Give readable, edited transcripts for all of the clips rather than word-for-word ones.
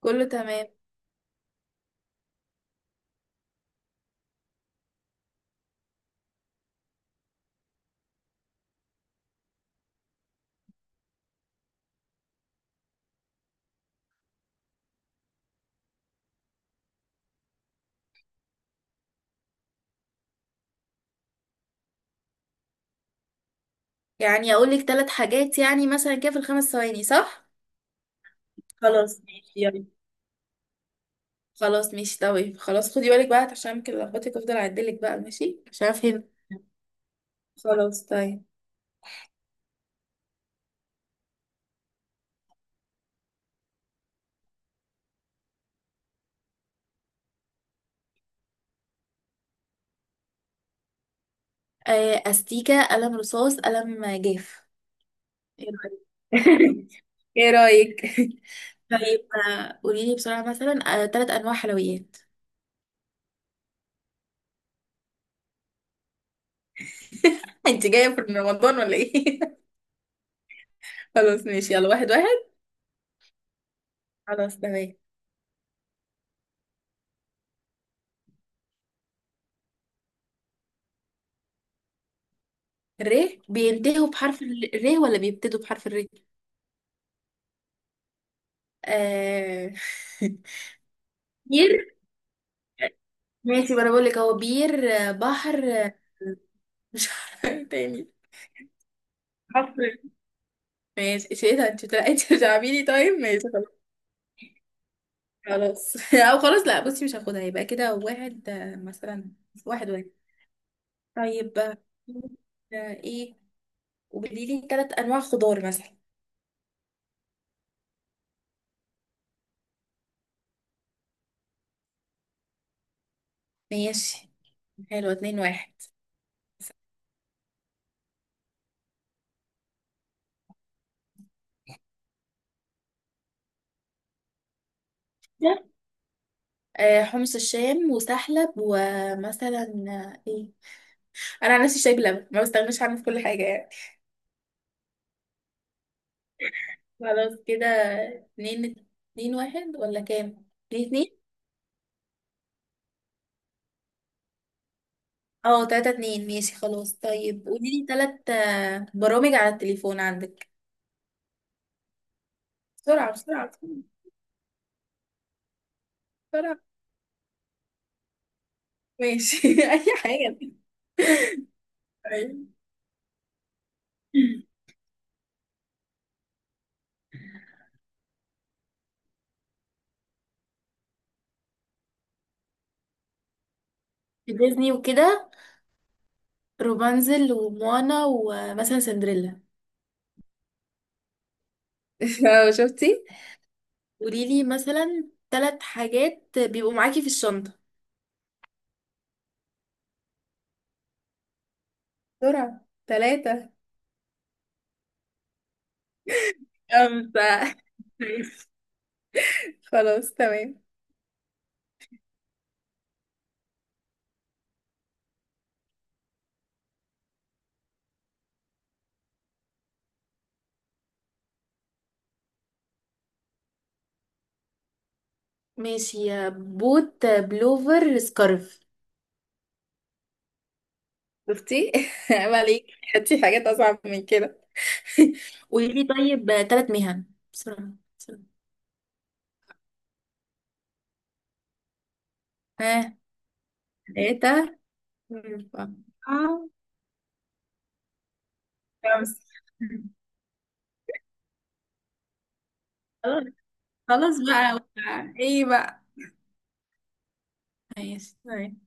كله تمام. يعني اقول لك ثلاث حاجات يعني مثلا كده في الخمس ثواني، صح؟ خلاص ماشي يلا. خلاص ماشي طيب. خلاص خدي بالك بقى عشان ممكن لخبطك، افضل اعدلك بقى ماشي عشان افهم. خلاص طيب. استيكة، قلم رصاص، قلم جاف. ايه رأيك؟ ايه رايك؟ طيب. قولي لي بسرعه مثلا ثلاث انواع حلويات. انت جايه في رمضان ولا ايه؟ خلاص ماشي يلا، واحد واحد. خلاص تمام. ر. بينتهوا بحرف ال ر ولا بيبتدوا بحرف ال ر؟ آه... بير. ماشي، ما انا بقول لك، هو بير بحر مش عارفه. إيه تاني؟ حفر. ماشي، ايه ده؟ انت انت بتلعبيني. طيب ماشي خلاص. خلاص او خلاص لا، بصي مش هاخدها. يبقى كده واحد مثلا واحد واحد. طيب ايه؟ وقولي لي ثلاث انواع خضار مثلا. ماشي حلو، اتنين واحد. حمص الشام وسحلب ومثلا آه، ايه انا عن نفسي شاي بلبن ما بستغناش عنه في كل حاجه يعني. خلاص كده. اتنين. اتنين واحد ولا كام؟ اتنين اتنين؟ اه تلاتة اتنين ماشي خلاص. طيب قوليلي تلات برامج على التليفون عندك. بسرعة بسرعة بسرعة. بسرعة. ماشي أي حاجة. طيب. ديزني وكده. روبانزل وموانا ومثلا سندريلا. اه شفتي. قوليلي مثلا تلات حاجات بيبقوا معاكي في الشنطة. بسرعة. ثلاثة. خمسة. ماشي. خلاص تمام. ماشي، بوت، بلوفر، سكارف. شفتي؟ عيب عليك. حطي حاجات اصعب من كده. قولي لي طيب ثلاث مهن. بسرعة. بسرعة. ها؟ ثلاثة. أربعة. خمسة. خلاص. خلاص بقى. ايه بقى؟ ماشي طيب.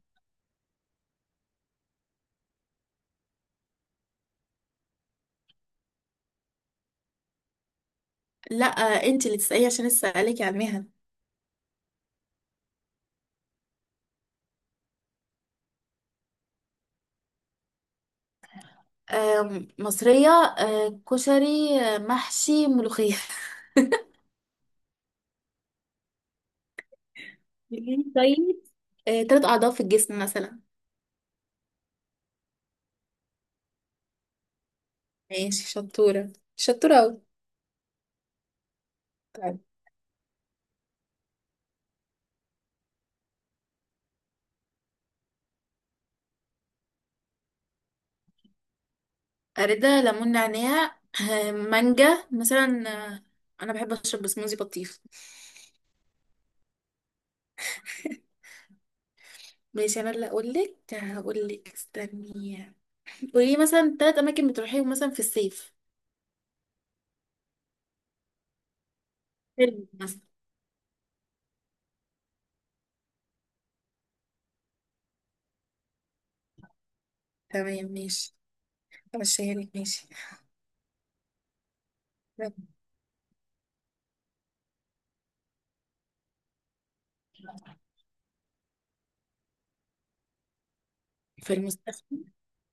لا، انت اللي تسألي عشان لسه عليكي على المهن. مصرية. كشري، محشي، ملوخية. قوليلي طيب ثلاث أعضاء في الجسم مثلا. ماشي، شطورة شطورة أوي. طيب. أريدة، ليمون، نعناع، مانجا مثلا. آه، أنا بحب أشرب سموزي بطيخ. ماشي. أنا اللي أقولك. هقولك استني. قولي مثلا تلات أماكن بتروحيهم مثلا في الصيف. فيلم مثلا. تمام ماشي. أمشيها لك ماشي. في المستشفى؟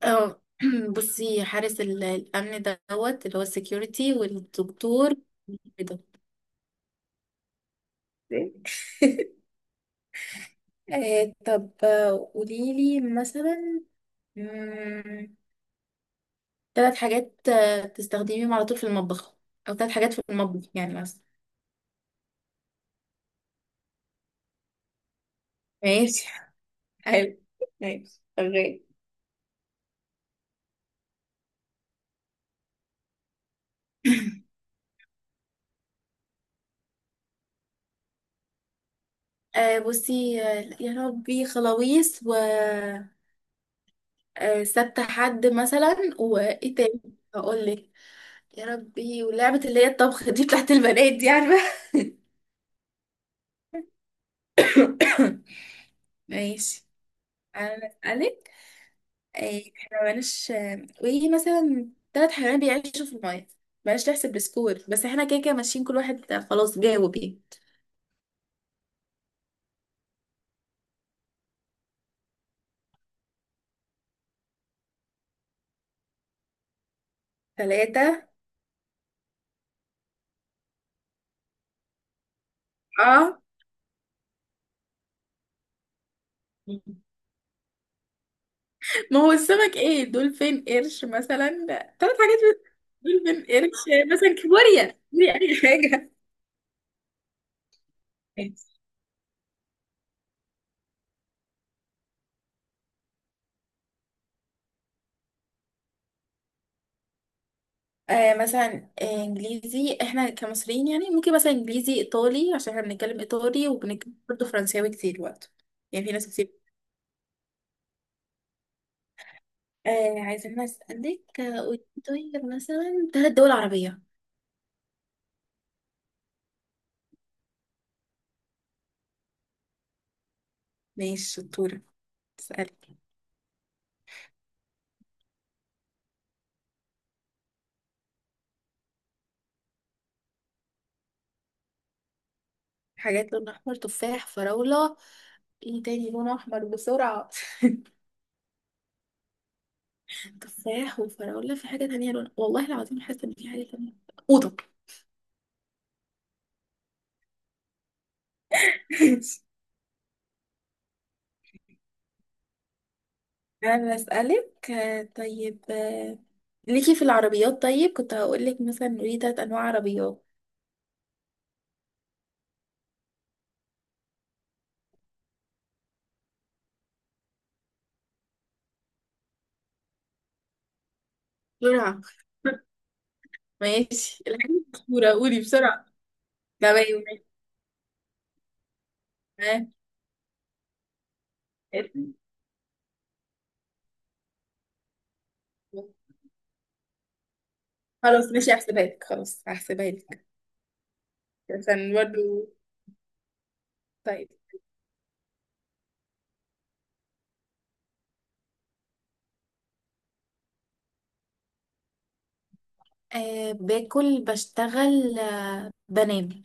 اه. بصي، حارس الأمن دوت اللي هو السكيورتي، والدكتور. كده. طب قولي لي مثلا، مم، تلات حاجات تستخدميهم على طول في المطبخ. او تلات حاجات في المطبخ يعني مثلا. ماشي حلو. ماشي شغال. بصي يا ربي، خلاويص، و سبت حد مثلا. وايه تاني؟ هقول لك. يا ربي، ولعبة اللي هي الطبخ دي بتاعت البنات دي، عارفة؟ ماشي. انا اسألك. إيه، احنا مالناش وايه مثلا؟ ثلاث حيوانات بيعيشوا في المية. بلاش تحسب السكور، بس احنا كده كده ماشيين. كل واحد خلاص جاوب ايه. ثلاثة. اه، ما هو السمك، ايه، دولفين، قرش مثلا. ثلاث حاجات بس. دولفين، قرش مثلا، كابوريا دي، اي حاجة. مثلا انجليزي، احنا كمصريين يعني ممكن مثلا انجليزي، ايطالي، عشان احنا بنتكلم ايطالي وبنتكلم برضه فرنساوي كتير برضه. يعني في ناس كتير. عايزة أنا أسألك قولي طيب مثلا ثلاث دول عربية. ماشي شطورة. اسألك. حاجات لون أحمر، تفاح، فراولة. ايه تاني لون أحمر؟ بسرعة. تفاح وفراولة. في حاجة تانية لون، والله العظيم حاسة إن في حاجة تانية. أوضة. أنا بسألك طيب ليكي في العربيات. طيب كنت هقولك مثلا، قولي تلات أنواع عربيات. بسرعة. ماشي الحاجة مشهورة، قولي بسرعة. تمام ماشي. آه. خلاص ماشي هحسبها لك، خلاص هحسبها لك عشان برضه. طيب. أه باكل، بشتغل، أه بنام.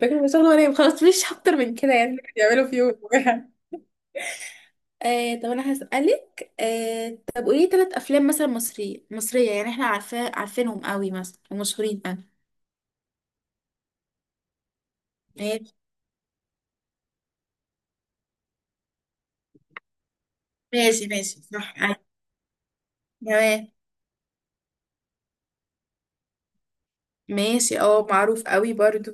فاكر بشغل وانام، خلاص، مش اكتر من كده يعني بيعملوا في يوم. طب انا هسألك طب قولي ثلاث افلام مثلا مصرية، مصرية يعني احنا عارفاه عارفينهم قوي مثلا ومشهورين قوي. ماشي ماشي ماشي صح تمام ماشي. اه، معروف قوي برضو.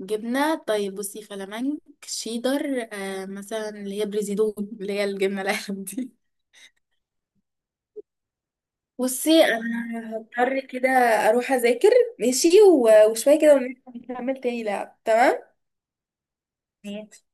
جبنة. طيب بصي، فلامنك، شيدر، أه مثلا اللي هي بريزيدون اللي هي الجبنة القلم دي. بصي انا هضطر كده اروح اذاكر. ماشي وشويه كده ونكمل تاني لعب. تمام ماشي.